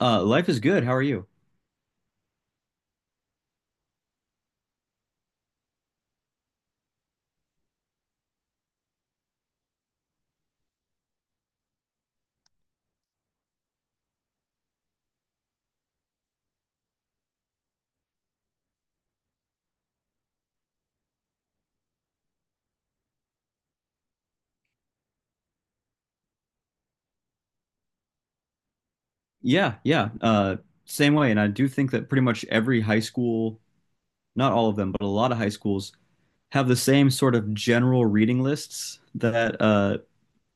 Life is good. How are you? Yeah, yeah. Same way. And I do think that pretty much every high school, not all of them, but a lot of high schools have the same sort of general reading lists that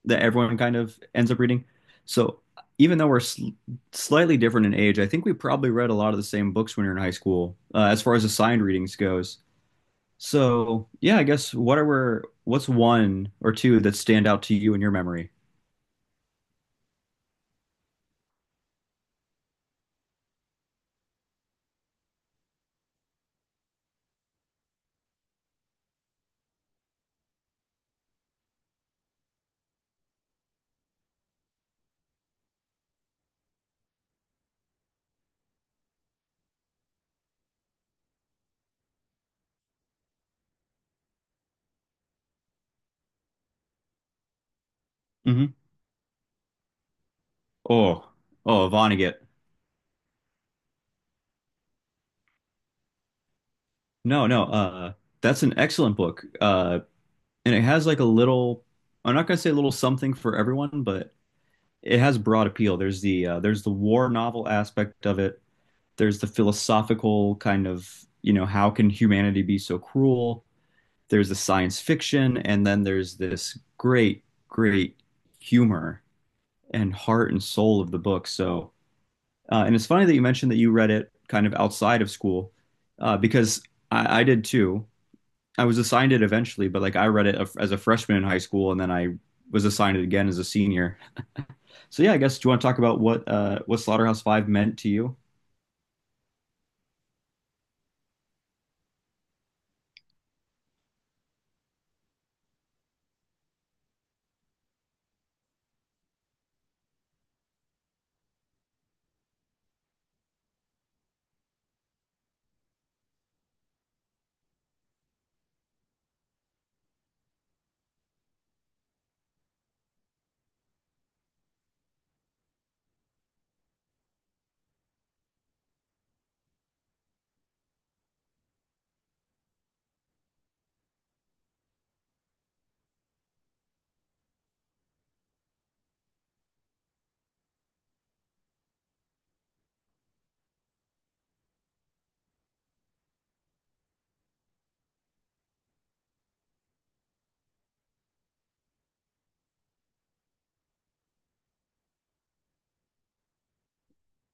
that everyone kind of ends up reading. So even though we're sl slightly different in age, I think we probably read a lot of the same books when we were in high school, as far as assigned readings goes. So yeah, I guess what's one or two that stand out to you in your memory? hmm Oh, oh, Vonnegut. No, no, that's an excellent book. And it has like a little, I'm not gonna say a little something for everyone, but it has broad appeal. There's the war novel aspect of it. There's the philosophical how can humanity be so cruel? There's the science fiction, and then there's this great humor and heart and soul of the book. So, and it's funny that you mentioned that you read it kind of outside of school, because I did too. I was assigned it eventually, but like I read it as a freshman in high school, and then I was assigned it again as a senior. So yeah, I guess do you want to talk about what Slaughterhouse Five meant to you?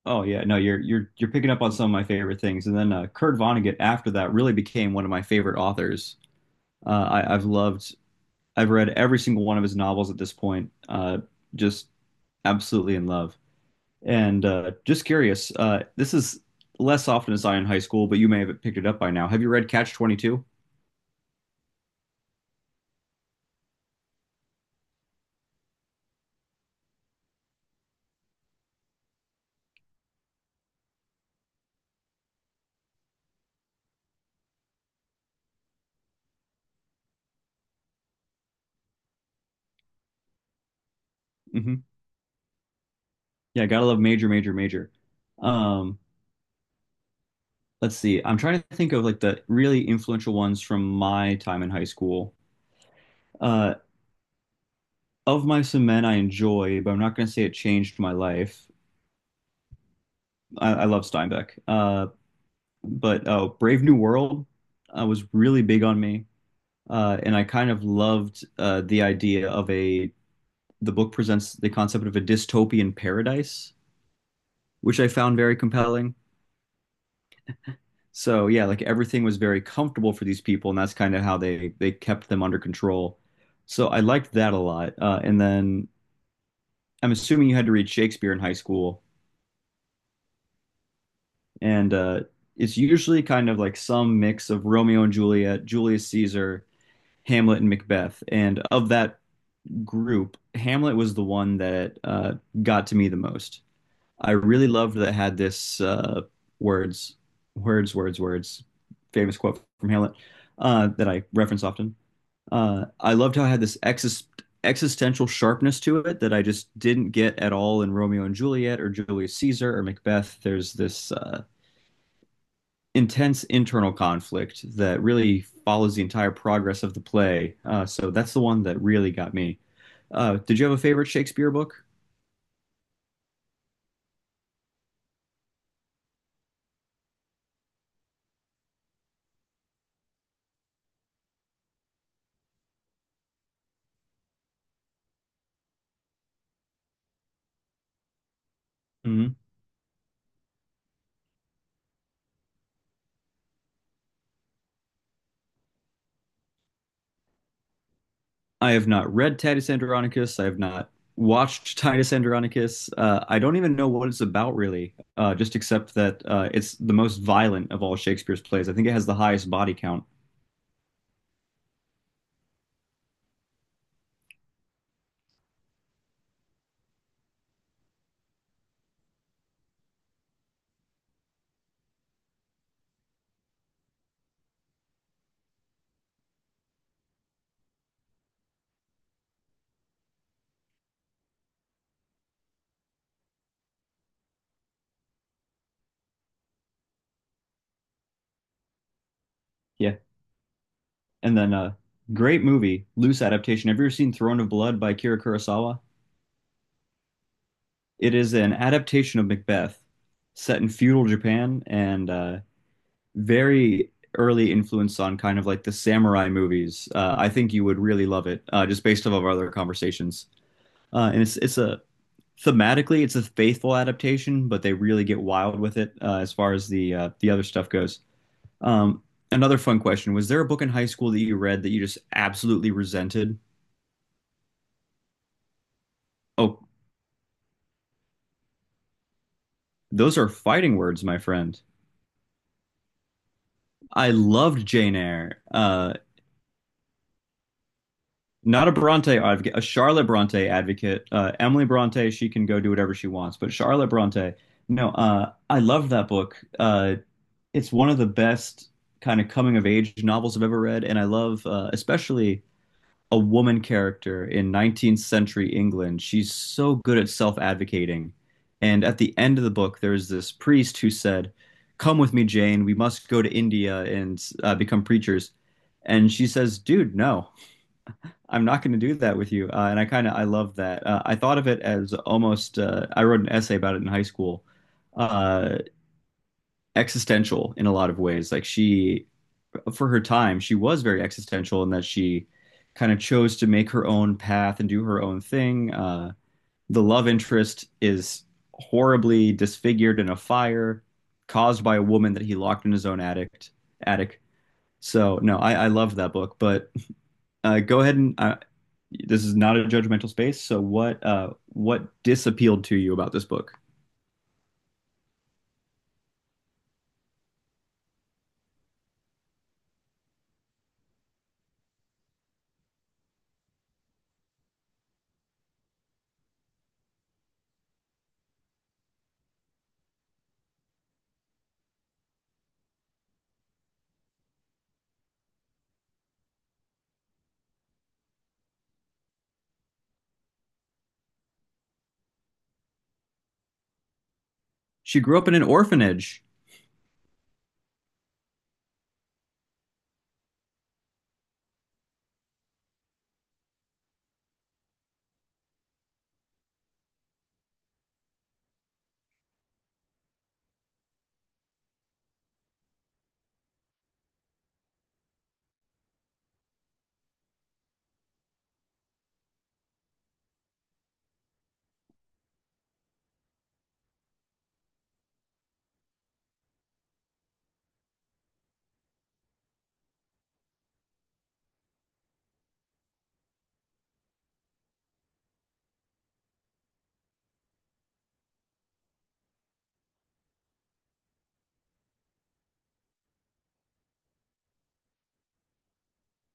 Oh yeah, no, you're picking up on some of my favorite things, and then Kurt Vonnegut after that really became one of my favorite authors. Uh, I, I've loved, I've read every single one of his novels at this point. Just absolutely in love. And just curious, this is less often as I in high school, but you may have picked it up by now. Have you read Catch 22? hmm Yeah, gotta love Major, Major, Major. Um, let's see. I'm trying to think of like the really influential ones from my time in high school. Uh, Of my and Men, I enjoy, but I'm not gonna say it changed my life. I love Steinbeck. But Brave New World was really big on me, and I kind of loved the idea of a. The book presents the concept of a dystopian paradise, which I found very compelling. So yeah, like everything was very comfortable for these people, and that's kind of how they kept them under control. So I liked that a lot. And then I'm assuming you had to read Shakespeare in high school, and it's usually kind of like some mix of Romeo and Juliet, Julius Caesar, Hamlet and Macbeth. And of that group, Hamlet was the one that got to me the most. I really loved that it had this "words, words, words, words," famous quote from Hamlet that I reference often. I loved how it had this existential sharpness to it that I just didn't get at all in Romeo and Juliet or Julius Caesar or Macbeth. There's this intense internal conflict that really follows the entire progress of the play. So that's the one that really got me. Did you have a favorite Shakespeare book? Mhm. I have not read Titus Andronicus. I have not watched Titus Andronicus. I don't even know what it's about really, just except that it's the most violent of all Shakespeare's plays. I think it has the highest body count. Yeah. And then a great movie, loose adaptation. Have you ever seen Throne of Blood by Akira Kurosawa? It is an adaptation of Macbeth, set in feudal Japan and very early influence on kind of like the samurai movies. I think you would really love it, just based off of our other conversations. And it's a Thematically it's a faithful adaptation, but they really get wild with it as far as the other stuff goes. Um, Another fun question: was there a book in high school that you read that you just absolutely resented? Oh, those are fighting words, my friend. I loved Jane Eyre. Not a Bronte advocate, a Charlotte Bronte advocate. Emily Bronte, she can go do whatever she wants, but Charlotte Bronte, no, I love that book. It's one of the best kind of coming of age novels I've ever read, and I love especially a woman character in 19th century England. She's so good at self-advocating. And at the end of the book, there's this priest who said, "Come with me, Jane. We must go to India and become preachers." And she says, "Dude, no. I'm not going to do that with you." And I kind of I love that. I thought of it as almost I wrote an essay about it in high school. Uh, Existential in a lot of ways. For her time, she was very existential in that she kind of chose to make her own path and do her own thing. The love interest is horribly disfigured in a fire caused by a woman that he locked in his own attic. Attic. So no, I love that book. But go ahead and I, this is not a judgmental space. So what disappealed to you about this book? She grew up in an orphanage.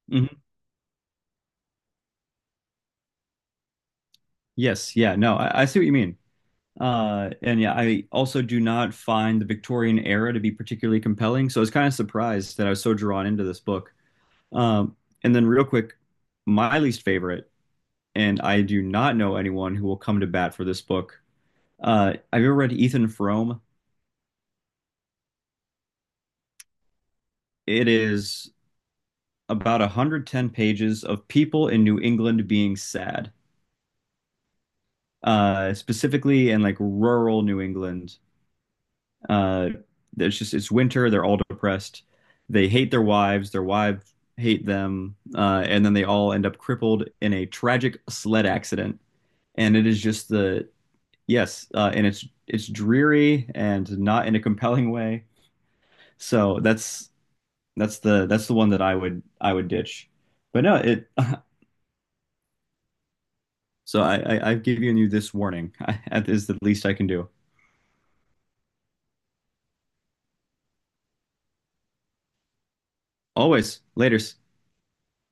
Mhm. Yes, yeah, no, I see what you mean. And yeah, I also do not find the Victorian era to be particularly compelling. So I was kind of surprised that I was so drawn into this book. Um, and then real quick, my least favorite, and I do not know anyone who will come to bat for this book. Have you ever read Ethan Frome? It is about 110 pages of people in New England being sad, specifically in like rural New England. Uh, it's winter. They're all depressed. They hate their wives. Their wives hate them, and then they all end up crippled in a tragic sled accident. And it is just the Yes, and it's dreary and not in a compelling way. So that's the one that I would ditch. But no, it So I've given you this warning. That is the least I can do. Always, laters.